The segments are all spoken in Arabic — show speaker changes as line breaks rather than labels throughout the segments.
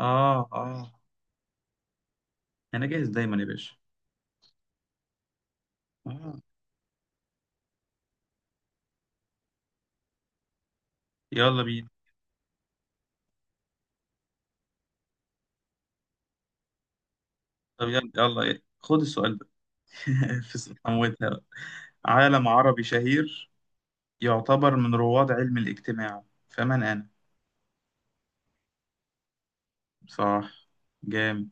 اه اه، انا جاهز دايما يا باشا. آه. يلا بينا. طب يلا، يلا خد السؤال ده. في حموتها بقى. عالم عربي شهير يعتبر من رواد علم الاجتماع، فمن انا؟ صح. جامد.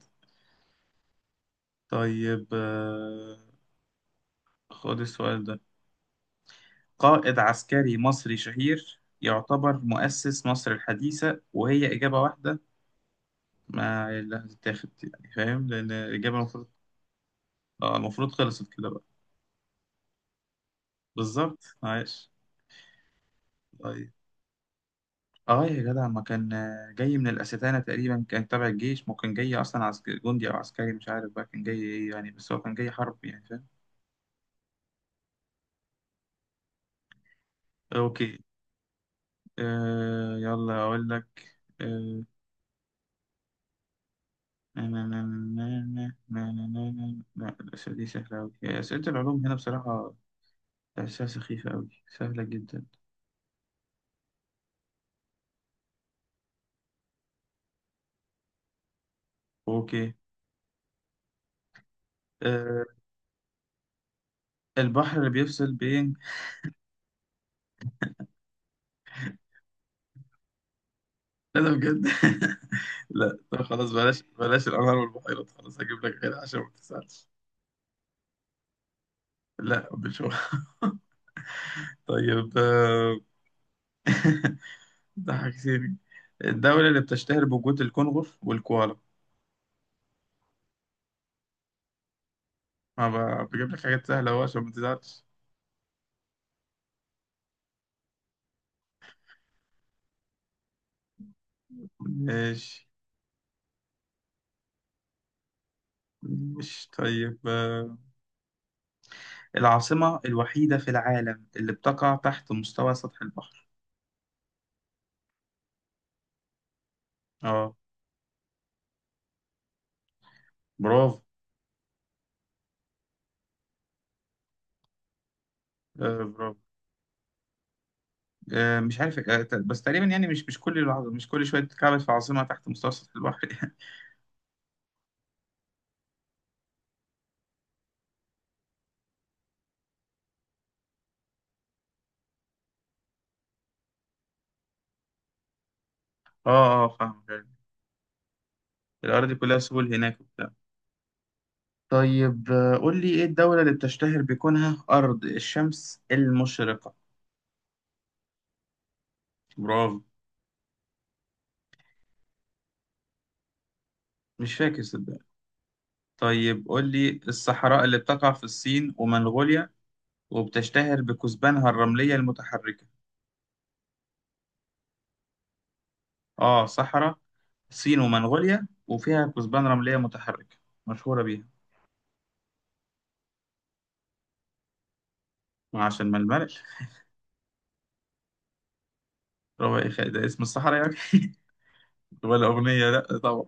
طيب، خد السؤال ده. قائد عسكري مصري شهير يعتبر مؤسس مصر الحديثة، وهي إجابة واحدة. ما اللي هتتاخد؟ يعني فاهم، لأن الإجابة المفروض... المفروض خلصت كده بقى. بالظبط عايش. طيب اه، يا جدع ما كان جاي من الاستانه تقريبا، كان تبع الجيش، ممكن جاي اصلا عسكري جندي او عسكري، مش عارف بقى كان جاي ايه يعني، بس هو كان جاي حرب يعني فاهم. اوكي. يلا اقول لك. آه نا- نا- نا- لا، الاسئله دي سهله قوي، اسئله العلوم هنا بصراحه تحسها سخيفه قوي، سهله جدا. اوكي. آه البحر اللي بيفصل بين... لا ده بجد. لا طب خلاص، بلاش بلاش الانهار والبحيرات، خلاص هجيب لك غيرها عشان ما تسالش. لا مش هو. طيب. ضحكتني. الدولة اللي بتشتهر بوجود الكنغر والكوالا؟ ما بجيب لك حاجات سهلة أهو عشان ما تزعلش. ماشي. مش طيب. العاصمة الوحيدة في العالم اللي بتقع تحت مستوى سطح البحر؟ اه. برافو. آه، برافو. مش عارف. بس تقريبا يعني، مش كل شوية تتكعبل في عاصمة تحت مستوى سطح البحر. اه اه، فاهم. الأراضي كلها سهول هناك. طيب. قول لي، ايه الدولة اللي بتشتهر بكونها أرض الشمس المشرقة؟ برافو. مش فاكر صدقني. طيب قول لي، الصحراء اللي بتقع في الصين ومنغوليا، وبتشتهر بكثبانها الرملية المتحركة؟ اه، صحراء الصين ومنغوليا، وفيها كثبان رملية متحركة، مشهورة بيها. عشان ما الملل. ربع إخاء ده اسم الصحراء يعني؟ ولا أغنية؟ لا طبعا.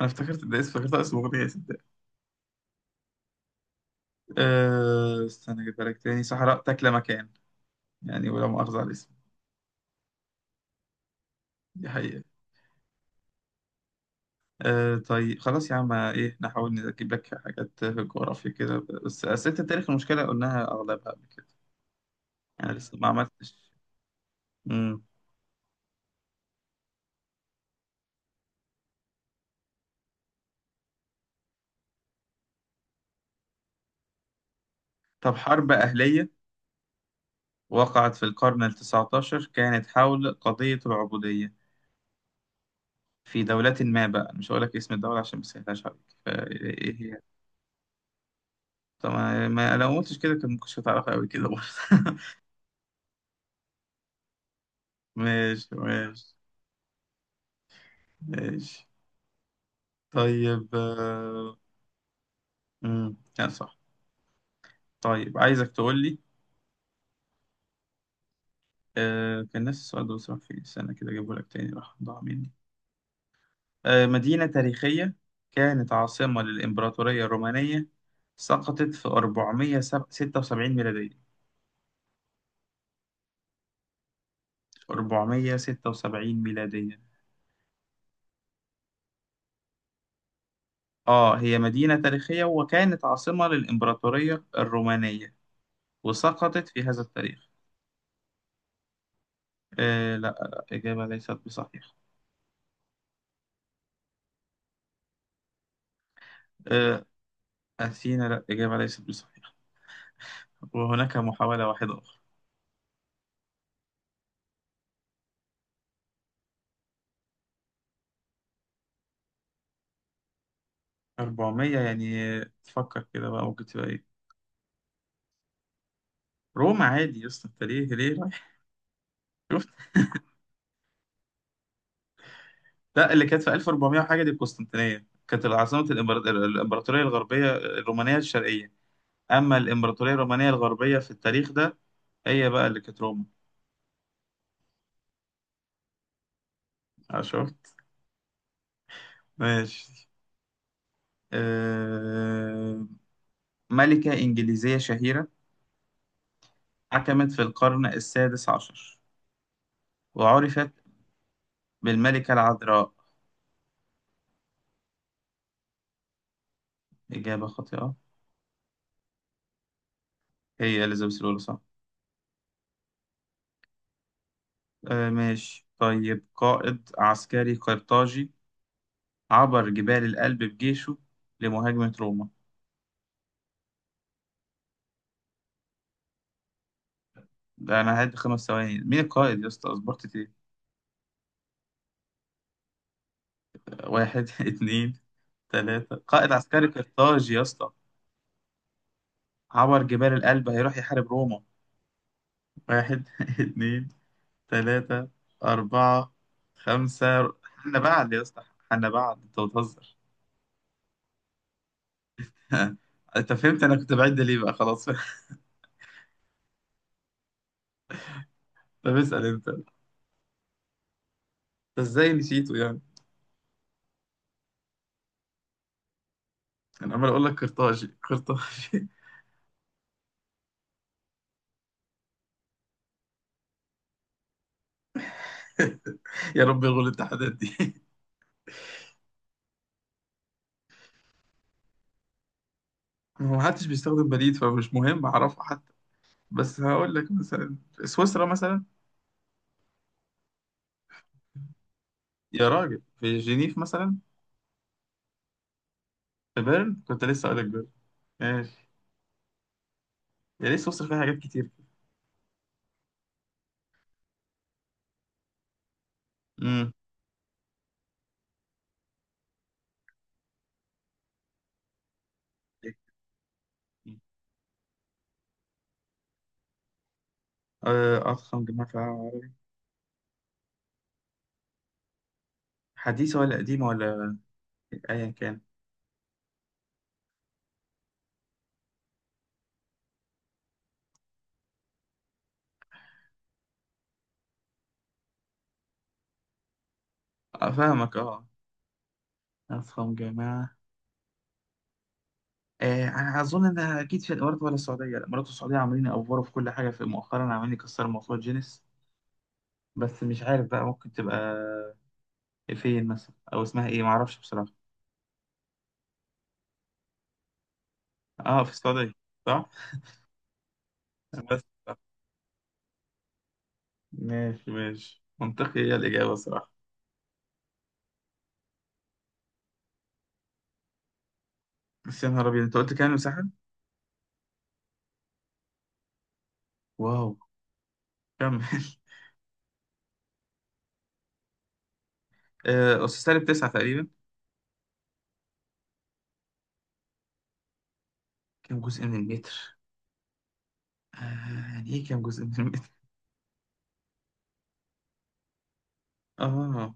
أنا افتكرت ده اسم، افتكرت اسم أغنية صدق. استنى أجيبها لك تاني. صحراء تاكل مكان يعني، ولا مؤاخذة على الاسم. دي حقيقة. طيب خلاص يا عم، ايه نحاول نجيب لك حاجات في الجغرافيا كده، بس أسئلة التاريخ، المشكلة قلناها أغلبها قبل كده. أنا لسه ما عملتش. مم. طب، حرب أهلية وقعت في القرن التسعتاشر، كانت حول قضية العبودية في دولة ما بقى، مش هقول لك اسم الدولة عشان ما سهلاش عليك، فإيه هي؟ طب لو ما قلتش كده كان ممكن هتعرفها أوي كده برضه. ماشي ماشي. ماشي. طيب. مم. لا، صح. طيب عايزك تقول لي، كان نفس السؤال ده بصراحة في سنة كده، جابه لك تاني راح ضاع مني. مدينة تاريخية كانت عاصمة للإمبراطورية الرومانية، سقطت في 476 ميلادية. 476 ميلادية. هي مدينة تاريخية وكانت عاصمة للإمبراطورية الرومانية، وسقطت في هذا التاريخ. لا لا، إجابة ليست بصحيحة. آه أثينا، لا، إجابة ليست بصحيحة. وهناك محاولة واحدة أخرى. 400 يعني، تفكر كده بقى، ممكن تبقى إيه؟ روما عادي يا اسطى، انت ليه رايح؟ شفت. لا، اللي كانت في 1400 وحاجه دي القسطنطينيه، كانت عاصمه الامبراطوريه الغربيه الرومانيه الشرقيه، اما الامبراطوريه الرومانيه الغربيه في التاريخ ده، هي بقى اللي كانت روما. شفت. ماشي. آه، ملكه انجليزيه شهيره، حكمت في القرن السادس عشر، وعرفت بالملكه العذراء. اجابه خاطئه. هي اليزابيث الاولى، صح. ماشي. طيب، قائد عسكري قرطاجي عبر جبال الألب بجيشه لمهاجمة روما. ده أنا هعد 5 ثواني، مين القائد يا اسطى؟ أصبرت إيه. واحد اتنين، تلاتة. قائد عسكري قرطاج يا اسطى، عبر جبال الألب، هيروح يحارب روما. واحد اتنين، تلاتة، أربعة، خمسة. حنا بعد يا اسطى؟ حنا بعد. أنت بتهزر. أنت فهمت، أنا كنت بعد ليه بقى، خلاص. طب اسأل أنت. إزاي نسيته يعني؟ أنا عمال أقول لك قرطاجي قرطاجي. يا رب يلغوا الاتحادات دي. هو محدش بيستخدم بليد، فمش مهم أعرفه حتى. بس هقول لك مثلا في سويسرا مثلا. يا راجل، في جنيف مثلا. في بيرن، كنت لسه أقول لك بيرن. ماشي. يا ليه سويسرا فيها حاجات كتير. امم. أضخم جامعة في العالم، حديثة ولا قديمة، ولا أيا كان. فاهمك أه. أضخم جامعة. أنا أظن إنها أكيد في الإمارات ولا السعودية، لا الإمارات والسعودية عاملين يأفوروا في كل حاجة في مؤخرا، عاملين يكسروا موضوع جينيس. بس مش عارف بقى، ممكن تبقى فين مثلا، أو اسمها إيه، معرفش بصراحة. اه، في السعودية، صح؟ بس صح. ماشي ماشي، منطقي هي الإجابة صراحة. بس يا نهار أبيض، أنت قلت كام مساحة؟ واو. كمل. أس سالب تسعة تقريبا. كام جزء من المتر؟ آه، يعني إيه كام جزء من المتر؟ آه،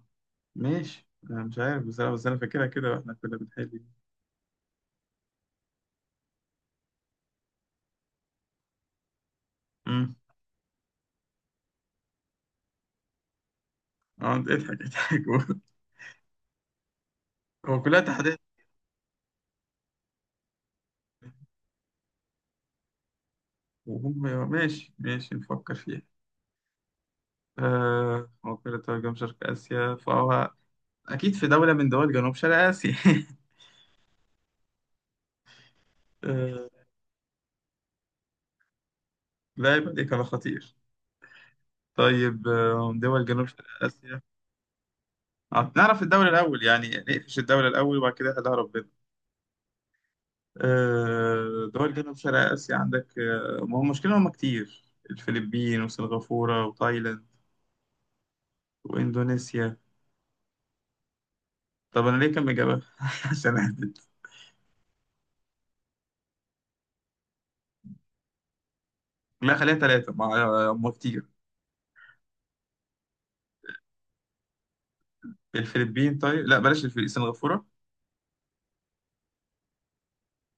ماشي. أنا مش عارف بصراحة، بس أنا فاكرها كده وإحنا كنا بنحل. أمم. اضحك اضحك. هو كلها تحديات. وهم ماشي ماشي، نفكر فيها. موقع ترجم شرق آسيا، فهو أكيد في دولة من دول جنوب شرق آسيا. لا، يبقى دي كان خطير. طيب. دول جنوب شرق آسيا. نعرف الدولة الأول يعني، نقفش الدولة الأول وبعد كده هدها ربنا. دول جنوب شرق آسيا عندك. ما هو المشكلة هم كتير، الفلبين وسنغافورة وتايلاند وإندونيسيا. طب أنا ليه كم إجابة؟ عشان أهبد. لا، خليها ثلاثة، ما هم كتير. الفلبين، طيب لا بلاش الفلبين. سنغافورة.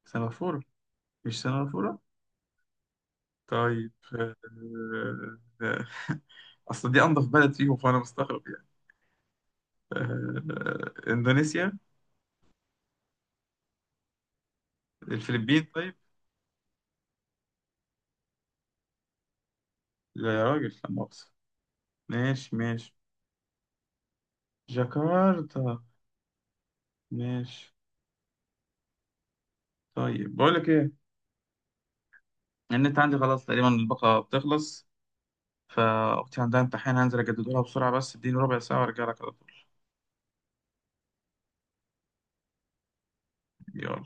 سنغافورة. مش سنغافورة. طيب. آه، أصل دي أنضف بلد فيهم فأنا مستغرب. إندونيسيا. الفلبين، طيب. لا يا راجل، لا مؤاخذة. ماشي ماشي. جاكرتا. ماشي. طيب، بقول لك إيه، النت عندي خلاص تقريبا، الباقة بتخلص، فأختي عندها امتحان، هنزل أجدده لها بسرعة بس، اديني ربع ساعة وأرجع لك على طول. يلا.